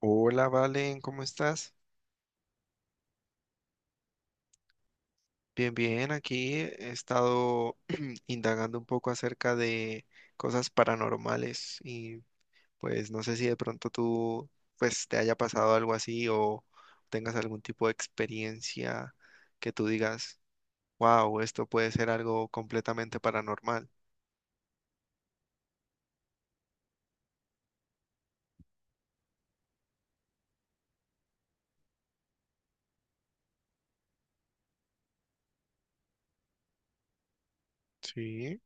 Hola, Valen, ¿cómo estás? Bien, bien, aquí he estado indagando un poco acerca de cosas paranormales y pues no sé si de pronto tú pues te haya pasado algo así o tengas algún tipo de experiencia que tú digas, wow, esto puede ser algo completamente paranormal. Sí,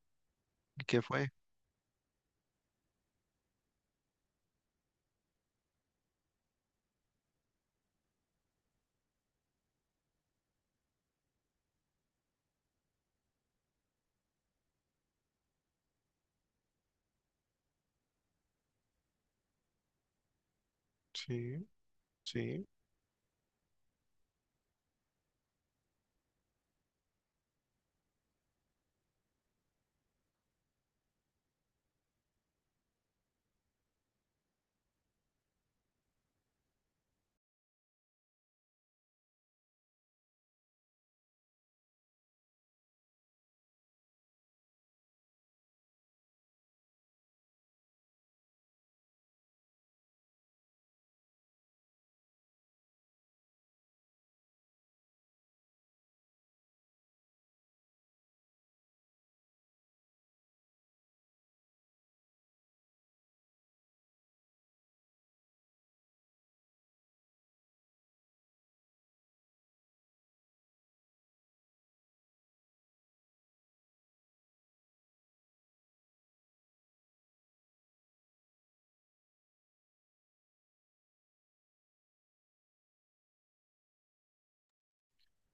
¿qué fue? Sí, sí,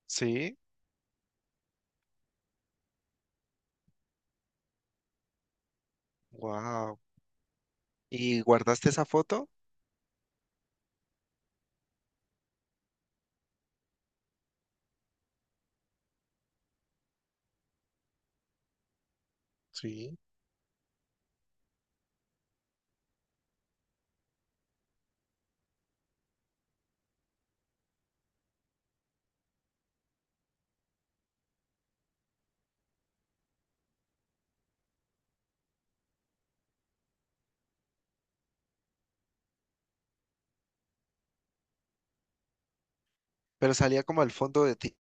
sí, wow. ¿Y guardaste esa foto? Sí. Pero salía como al fondo de ti.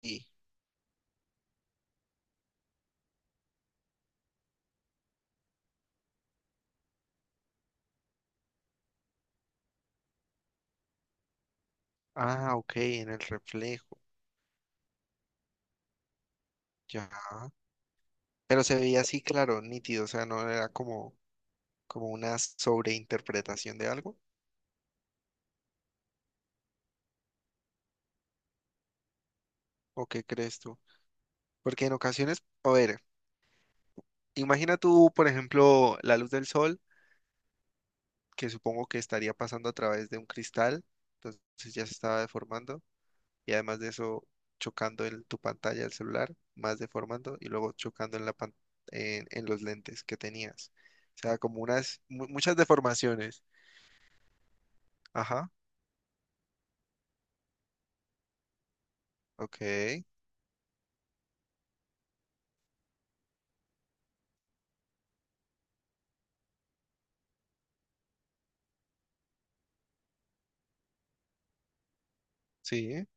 Ah, ok, en el reflejo, ya. Pero se veía así, claro, nítido, o sea, no era como, como una sobreinterpretación de algo, ¿o qué crees tú? Porque en ocasiones, a ver, imagina tú, por ejemplo, la luz del sol, que supongo que estaría pasando a través de un cristal, entonces ya se estaba deformando, y además de eso, chocando en tu pantalla del celular, más deformando, y luego chocando en la en los lentes que tenías. O sea, como unas, muchas deformaciones. Ajá. Ok, sí.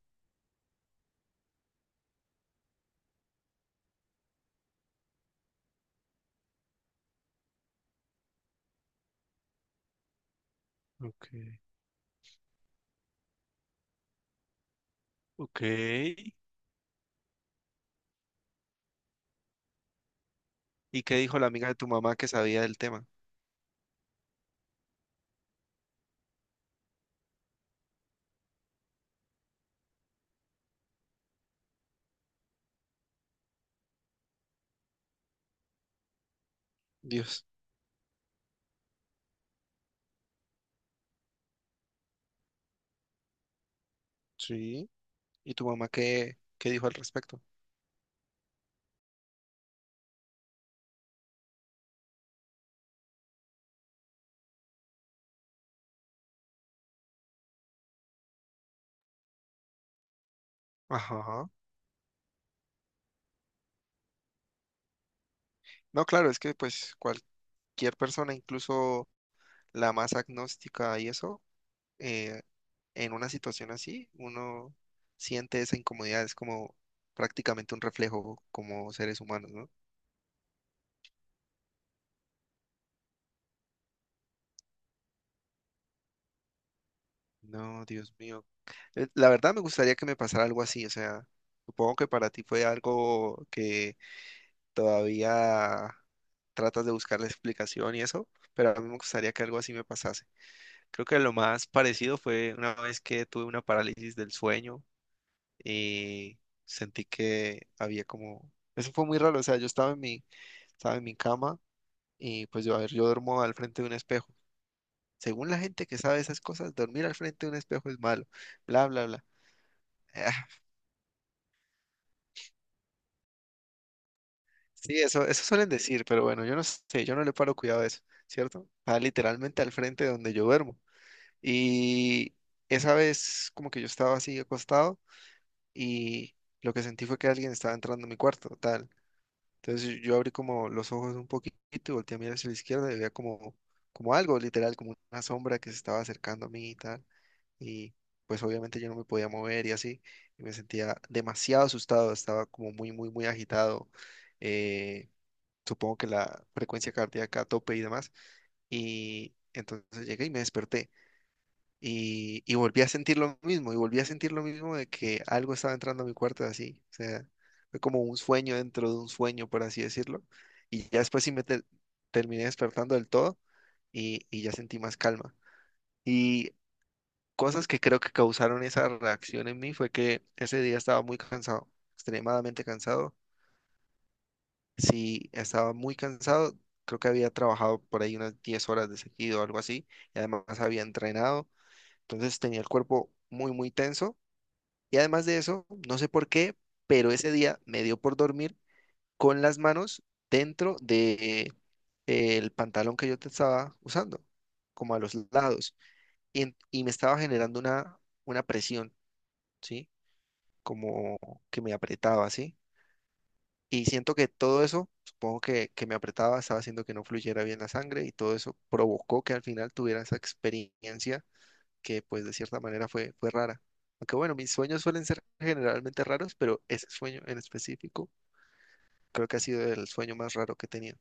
Ok, ok. ¿Y qué dijo la amiga de tu mamá que sabía del tema? Dios, sí. ¿Y tu mamá qué, qué dijo al respecto? Ajá. No, claro, es que pues cualquier persona, incluso la más agnóstica y eso, eh, en una situación así, uno siente esa incomodidad, es como prácticamente un reflejo como seres humanos, ¿no? No, Dios mío. La verdad me gustaría que me pasara algo así, o sea, supongo que para ti fue algo que todavía tratas de buscar la explicación y eso, pero a mí me gustaría que algo así me pasase. Creo que lo más parecido fue una vez que tuve una parálisis del sueño y sentí que había como... Eso fue muy raro, o sea, yo estaba en mi cama y pues yo, a ver, yo duermo al frente de un espejo. Según la gente que sabe esas cosas, dormir al frente de un espejo es malo, bla, bla, bla. Ah, sí, eso suelen decir, pero bueno, yo no sé, yo no le paro cuidado a eso, ¿cierto? Está literalmente al frente de donde yo duermo. Y esa vez como que yo estaba así acostado y lo que sentí fue que alguien estaba entrando a mi cuarto, tal. Entonces yo abrí como los ojos un poquito y volteé a mirar hacia la izquierda y veía como, como algo, literal, como una sombra que se estaba acercando a mí y tal. Y pues obviamente yo no me podía mover y así. Y me sentía demasiado asustado, estaba como muy, muy, muy agitado. Eh, supongo que la frecuencia cardíaca a tope y demás. Y entonces llegué y me desperté y volví a sentir lo mismo, y volví a sentir lo mismo de que algo estaba entrando a mi cuarto así. O sea, fue como un sueño dentro de un sueño, por así decirlo. Y ya después sí terminé despertando del todo y ya sentí más calma. Y cosas que creo que causaron esa reacción en mí fue que ese día estaba muy cansado, extremadamente cansado. Sí, estaba muy cansado. Creo que había trabajado por ahí unas 10 horas de seguido o algo así. Y además había entrenado. Entonces tenía el cuerpo muy, muy tenso. Y además de eso, no sé por qué, pero ese día me dio por dormir con las manos dentro de el pantalón que yo te estaba usando, como a los lados, y, y me estaba generando una presión, ¿sí? Como que me apretaba, ¿sí? Y siento que todo eso, supongo que me apretaba, estaba haciendo que no fluyera bien la sangre y todo eso provocó que al final tuviera esa experiencia que pues de cierta manera fue, fue rara. Aunque bueno, mis sueños suelen ser generalmente raros, pero ese sueño en específico creo que ha sido el sueño más raro que he tenido.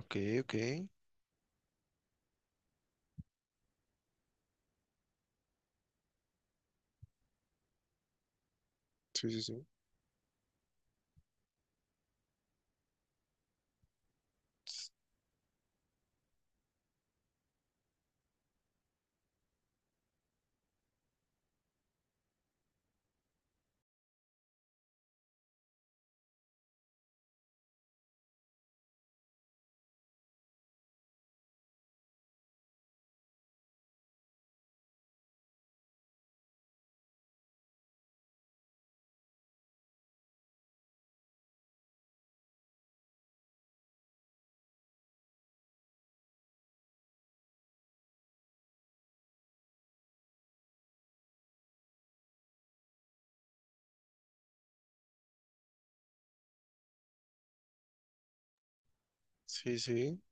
Ok, ok. Sí, sí, sí. Sí, sí.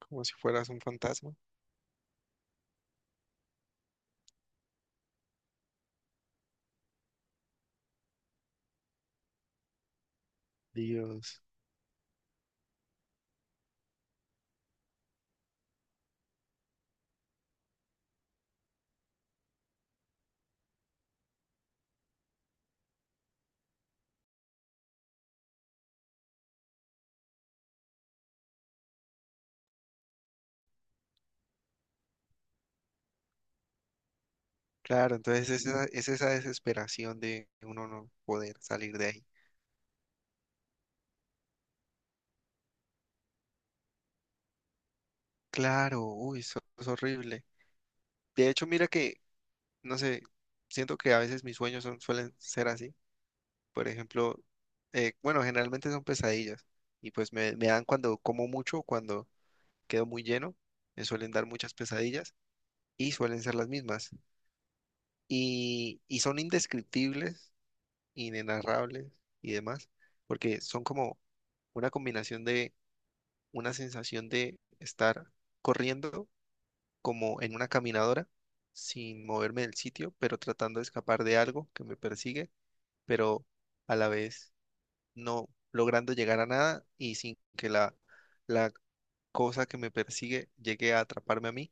Como si fueras un fantasma. Dios. Claro, entonces es esa desesperación de uno no poder salir de ahí. Claro, uy, eso es horrible. De hecho, mira que, no sé, siento que a veces suelen ser así. Por ejemplo, bueno, generalmente son pesadillas y pues me dan cuando como mucho, cuando quedo muy lleno, me suelen dar muchas pesadillas y suelen ser las mismas. Y son indescriptibles, inenarrables y demás, porque son como una combinación de una sensación de estar corriendo como en una caminadora sin moverme del sitio, pero tratando de escapar de algo que me persigue, pero a la vez no logrando llegar a nada y sin que la cosa que me persigue llegue a atraparme a mí.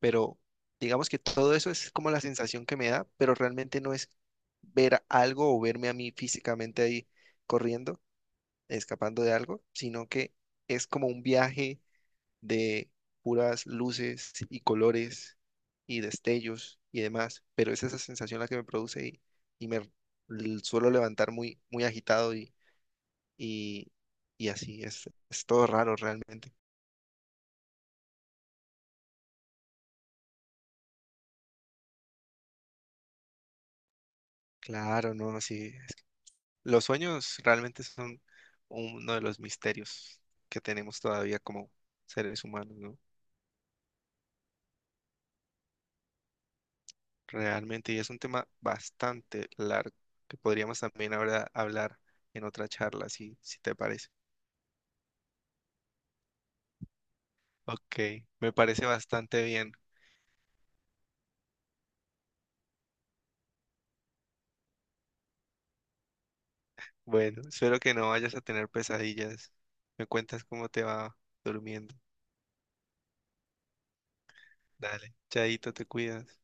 Pero digamos que todo eso es como la sensación que me da, pero realmente no es ver algo o verme a mí físicamente ahí corriendo, escapando de algo, sino que es como un viaje de puras luces y colores y destellos y demás, pero es esa sensación la que me produce y me suelo levantar muy, muy agitado y, y así es todo raro realmente. Claro, no, así es. Los sueños realmente son uno de los misterios que tenemos todavía como seres humanos, ¿no? Realmente, y es un tema bastante largo que podríamos también ahora hablar en otra charla, si, si te parece. Ok, me parece bastante bien. Bueno, espero que no vayas a tener pesadillas. Me cuentas cómo te va durmiendo. Dale, Chaito, te cuidas.